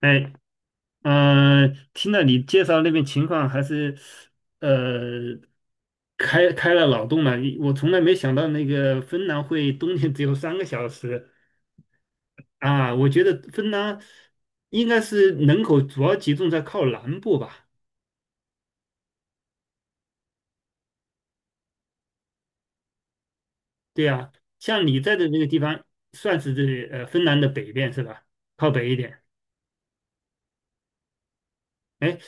哎，听了你介绍那边情况，还是呃开了脑洞了。我从来没想到那个芬兰会冬天只有3个小时啊！我觉得芬兰应该是人口主要集中在靠南部吧？对呀，像你在的那个地方，算是芬兰的北边是吧？靠北一点。哎，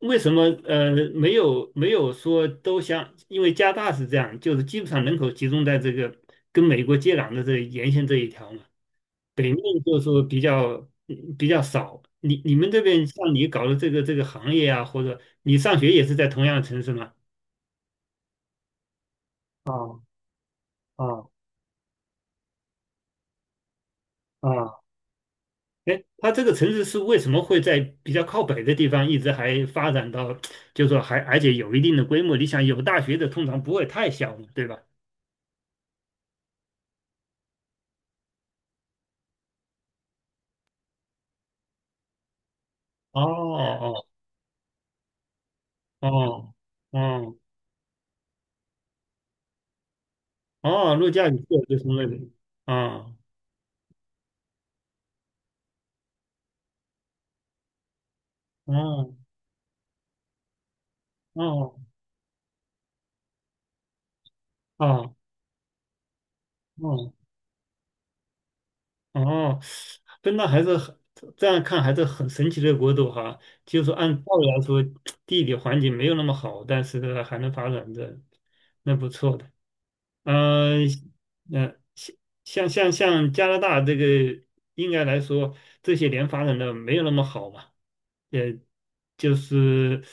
为什么没有说都像？因为加拿大是这样，就是基本上人口集中在这个跟美国接壤的这沿线这一条嘛，北面就是说比较少。你们这边像你搞的这个行业啊，或者你上学也是在同样的城市吗？啊，啊，啊！哎，它这个城市是为什么会在比较靠北的地方一直还发展到，就是说还而且有一定的规模？你想有大学的通常不会太小嘛，对吧？哦，哦，哦，哦，哦，陆家与秀就是那里，啊，哦，哦，哦，哦，哦，真的还是很，这样看还是很神奇的国度哈。就是说按道理来说，地理环境没有那么好，但是呢还能发展的，那不错的。嗯、呃，像加拿大这个，应该来说这些年发展的没有那么好嘛，也就是。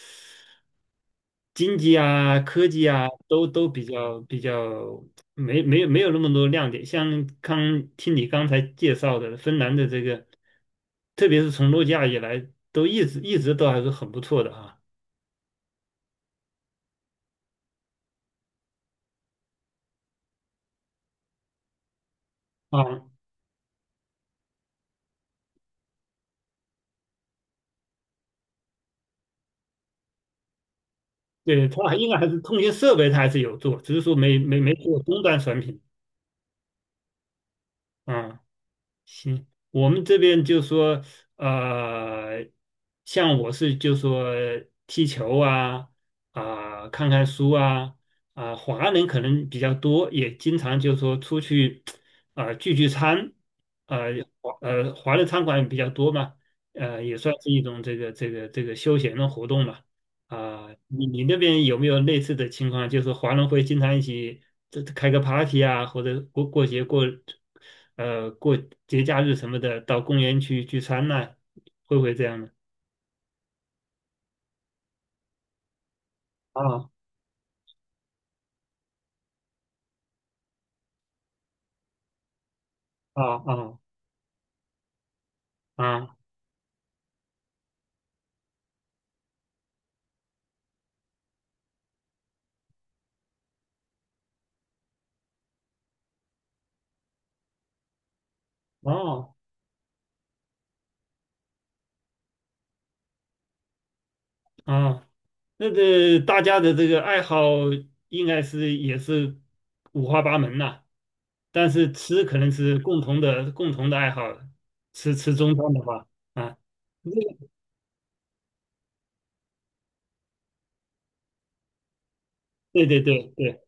经济啊、科技啊，都比较没有那么多亮点。像刚听你刚才介绍的芬兰的这个，特别是从诺基亚以来，都一直都还是很不错的啊。啊，对，它还应该还是通信设备它还是有做，只是说没做终端产品啊。行，我们这边就说，呃，像我是就说踢球啊，啊、看看书啊，啊，华人可能比较多，也经常就说出去，啊、聚聚餐，呃，华人餐馆比较多嘛，呃，也算是一种这个休闲的活动嘛。啊，你那边有没有类似的情况？就是华人会经常一起开个 party 啊，或者过节假日什么的，到公园去聚餐呐，会不会这样呢？啊，啊，啊，啊，哦，啊，那个大家的这个爱好应该是也是五花八门呐，但是吃可能是共同的爱好，吃吃中餐的话。啊，对，对，对，对，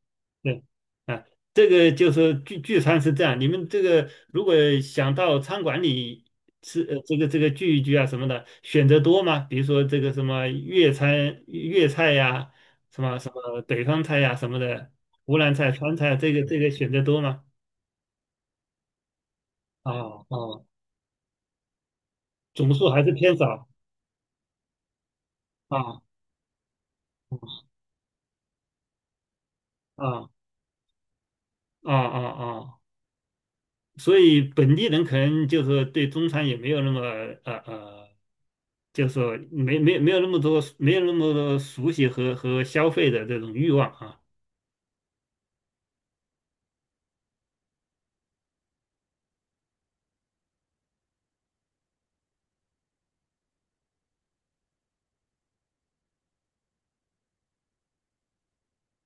对，啊，这个就是聚聚餐是这样，你们这个如果想到餐馆里吃，这个聚一聚啊什么的，选择多吗？比如说这个什么粤餐、粤菜呀、什么什么北方菜呀、什么的，湖南菜、川菜啊，这个选择多吗？啊，啊，总数还是偏少。啊啊，啊，啊，啊，啊！所以本地人可能就是对中餐也没有那么，呃呃就是说没有那么多熟悉和消费的这种欲望啊。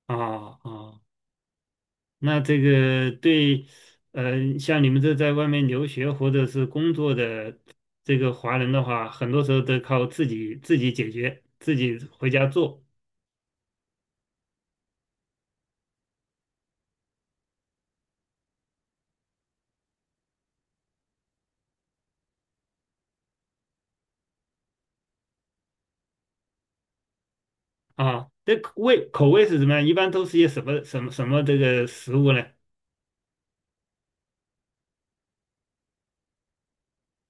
啊，啊，那这个对，像你们这在外面留学或者是工作的这个华人的话，很多时候都靠自己解决，自己回家做啊。这口味是什么样？一般都是些什么这个食物呢？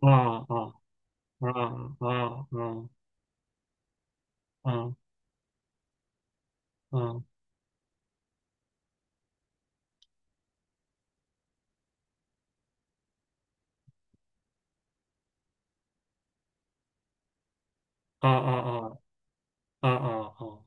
啊啊，啊，啊，啊，啊，啊，啊，啊，啊，啊，啊，啊！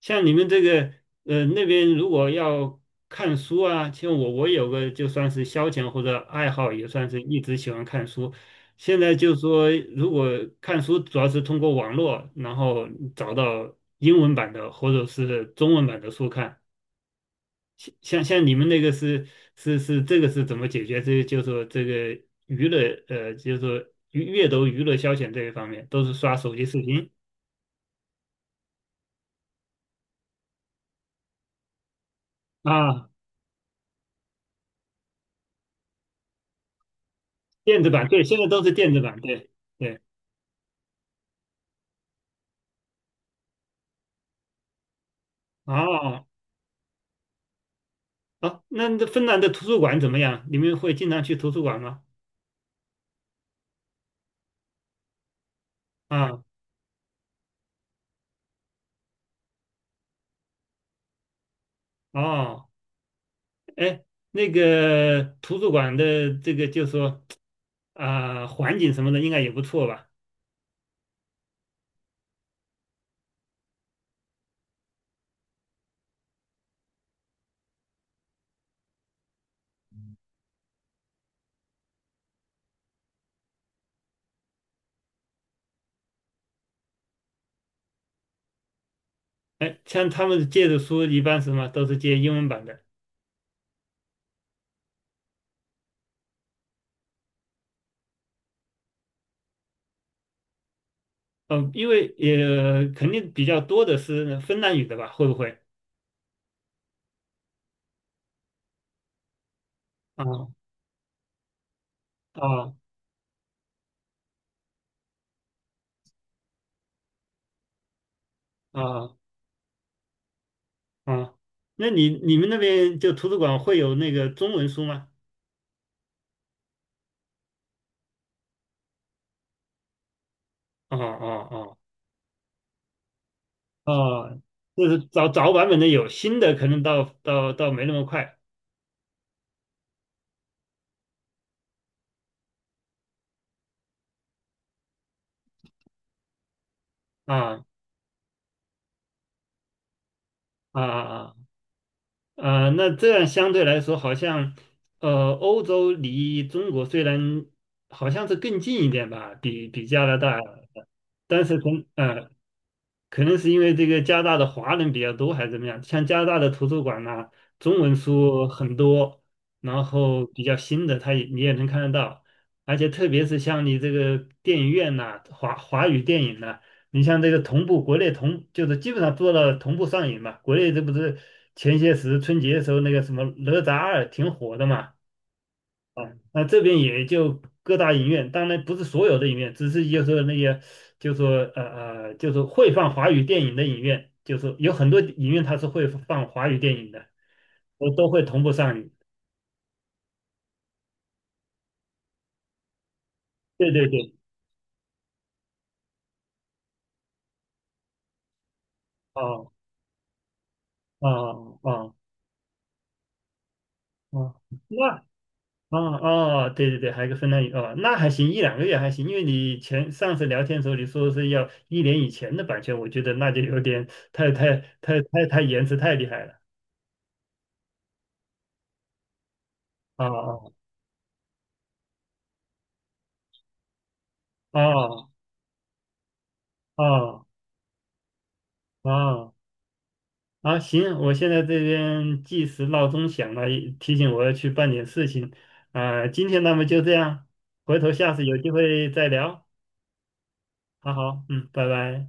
像你们这个那边如果要看书啊，像我有个就算是消遣或者爱好，也算是一直喜欢看书。现在就说如果看书主要是通过网络，然后找到英文版的或者是中文版的书看。像你们那个是这个是怎么解决？这就是说这个娱乐，就是说阅读娱乐消遣这一方面，都是刷手机视频啊，电子版对，现在都是电子版对。对，哦，哦，那芬兰的图书馆怎么样？你们会经常去图书馆吗？啊，哦，哎，那个图书馆的这个就说啊、环境什么的应该也不错吧？哎，像他们借的书一般什么都是借英文版的，嗯、因为也肯定比较多的是芬兰语的吧？会不会？啊，啊，啊，啊！哦，那你们那边就图书馆会有那个中文书吗？哦，哦，哦。哦，就是早早版本的有，新的可能到没那么快。啊，啊，啊，啊！啊，那这样相对来说，好像欧洲离中国虽然好像是更近一点吧，比加拿大，但是可能是因为这个加拿大的华人比较多，还是怎么样？像加拿大的图书馆呐、中文书很多，然后比较新的，你也能看得到。而且特别是像你这个电影院呐、华语电影呐，你像这个同步国内，就是基本上做到同步上映嘛。国内这不是前些时春节的时候那个什么《哪吒二》挺火的嘛，啊，那这边也就各大影院，当然不是所有的影院，只是就是说那些，就是说呃就是说会放华语电影的影院，就是有很多影院它是会放华语电影的，我都会同步上映。对，对，对，哦，哦，哦，哦，那，哦，哦，对，对，对，还有个芬兰语哦，那还行，一两个月还行，因为你前上次聊天的时候你说是要一年以前的版权，我觉得那就有点太延迟太厉害了。哦，哦，哦，哦。哦，啊，行，我现在这边计时闹钟响了，提醒我要去办点事情。啊，今天那么就这样，回头下次有机会再聊。好，好，嗯，拜拜。